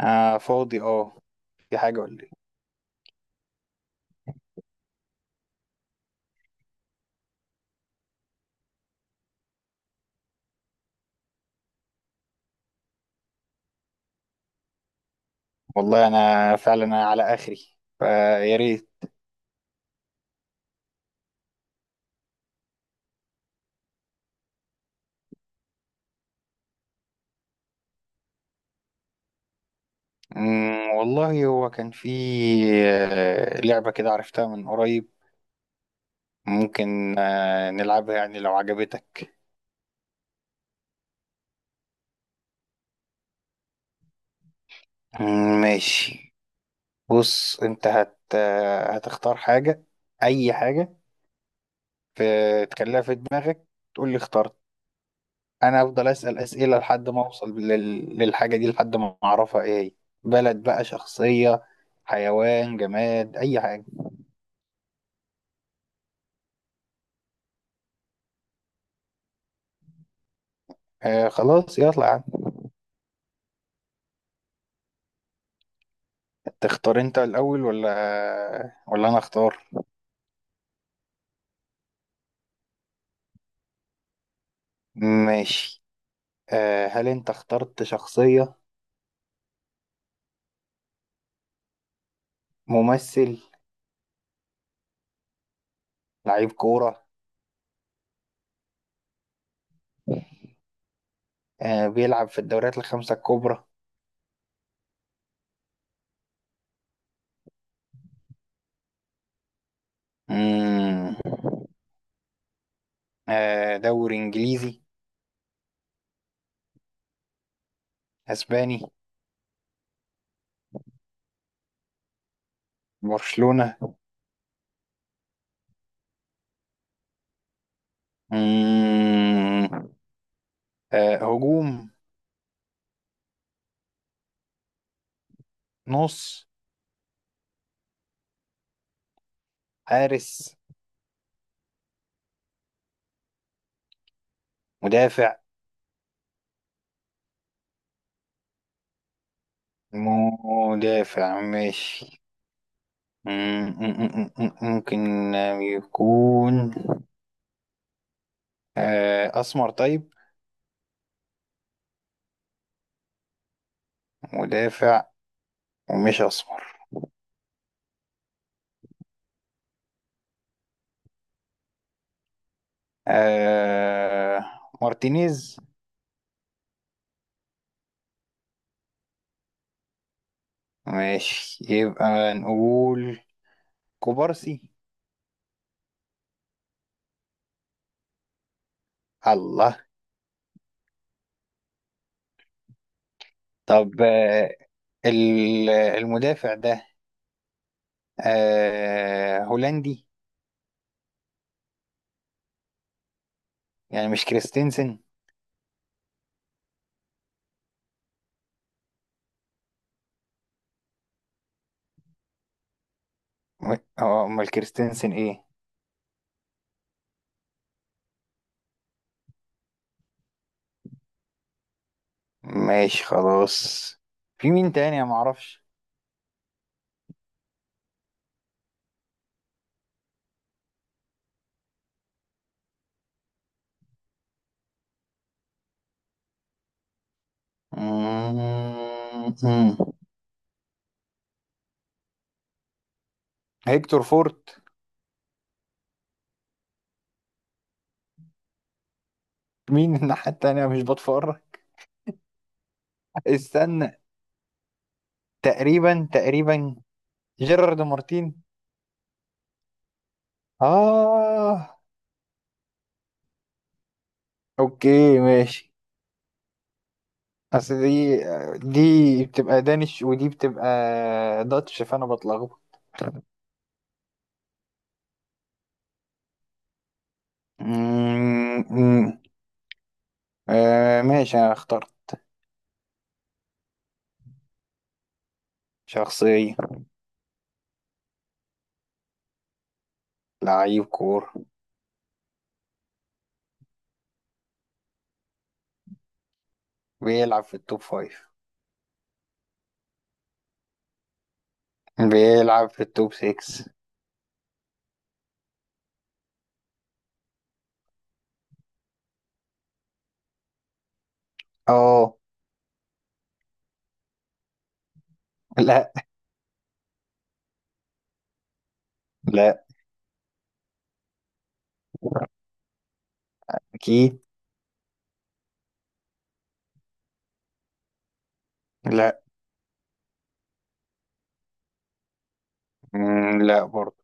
آه، فاضي اه. في حاجة ولا ايه؟ والله، انا فعلا أنا على اخري، فيا ريت. والله هو كان في لعبة كده عرفتها من قريب. ممكن نلعبها يعني لو عجبتك. ماشي. بص، انت هت آه، هتختار حاجة، اي حاجة. تخليها في دماغك، تقول لي اخترت. انا افضل اسأل اسئلة لحد ما اوصل للحاجة دي لحد ما اعرفها ايه هي. بلد، بقى شخصية، حيوان، جماد، اي حاجة. آه خلاص، يلا يا عم. تختار انت الاول ولا انا اختار؟ ماشي. هل انت اخترت شخصية؟ ممثل؟ لعيب كورة؟ بيلعب في الدوريات الخمسة الكبرى؟ مم. دوري انجليزي؟ اسباني؟ برشلونة؟ مم. هجوم؟ نص؟ حارس؟ مدافع؟ مدافع، ماشي. ممكن يكون أسمر؟ طيب. مدافع ومش أسمر. آه، مارتينيز؟ ماشي، يبقى نقول كوبارسي؟ الله. طب، المدافع ده هولندي؟ يعني مش كريستنسن؟ هو أمال كريستنسن إيه؟ ماشي خلاص. في مين تاني؟ أنا معرفش. مم، مم. هيكتور فورت؟ مين؟ الناحية التانية، مش بتفرج. استنى. تقريبا تقريبا. جيرارد مارتين؟ اه. اوكي، ماشي. اصل دي بتبقى دانش، ودي بتبقى داتش، فانا بتلخبط. أمم، أمم. آه ماشي، انا اخترت. شخصية. لعيب كورة. بيلعب في التوب فايف. بيلعب في التوب سيكس. اه. لا، لا، اكيد. لا. لا برضه.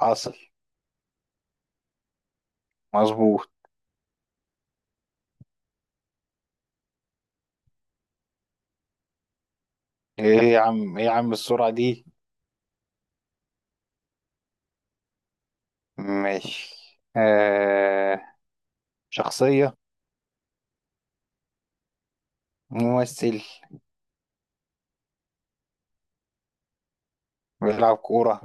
حاصل. مظبوط. ايه يا عم، ايه يا عم، السرعة دي؟ ماشي. آه شخصية. ممثل؟ بيلعب كورة؟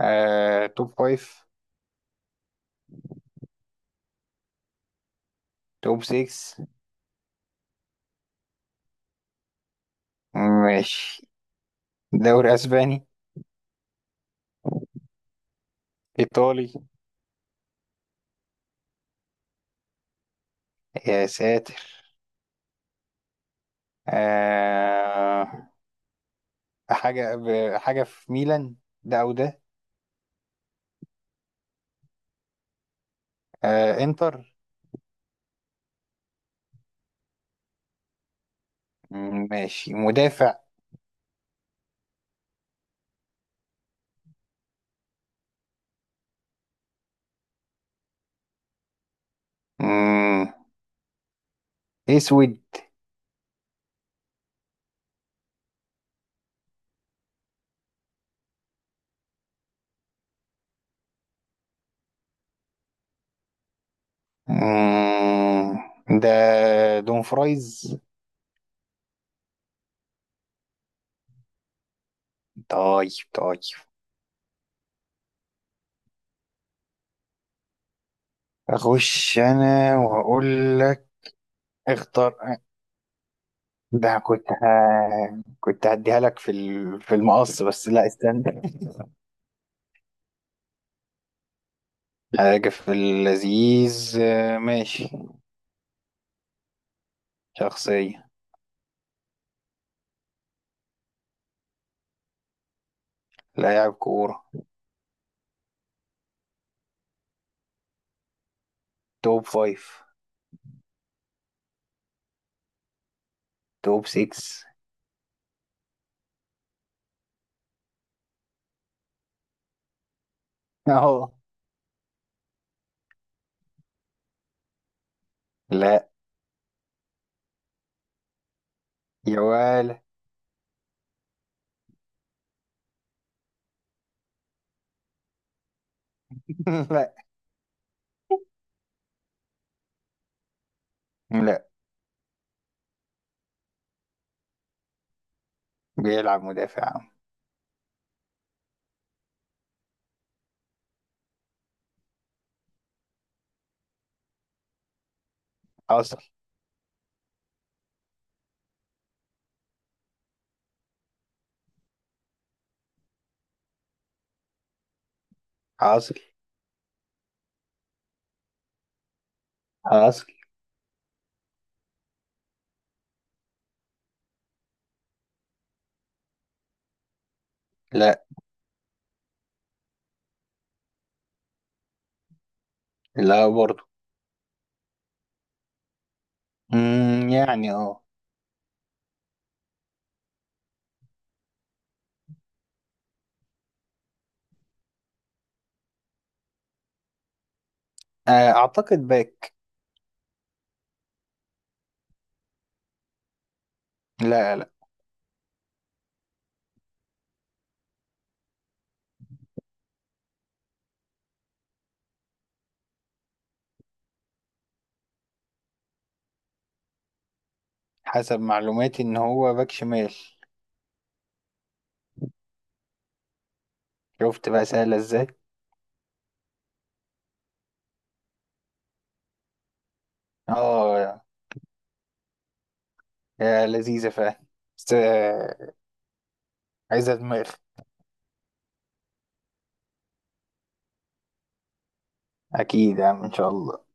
توب فايف؟ توب سيكس؟ ماشي. دوري اسباني؟ ايطالي؟ يا ساتر. آه حاجة في ميلان. ده او ده؟ انتر؟ ماشي، مدافع. مم، اسود؟ مم، ده دون فرايز؟ طيب طيب. اخش انا واقول لك، اختار، ده كنت هديها لك في في المقص، بس لا، استنى. حاجة في اللذيذ، ماشي. شخصية. لاعب كورة. توب فايف. توب سيكس. اهو. لا. يا ولا! لا. لا. بيلعب مدافع عام. حاصل. حاصل. حاصل. لا، لا برضه. مم، يعني اه. اعتقد باك. لا، لا. حسب معلوماتي ان هو باك شمال. شفت بقى، سهلة ازاي؟ اه. يا لذيذة فعلا، بس عايزة دماغ. اكيد يا عم، ان شاء الله.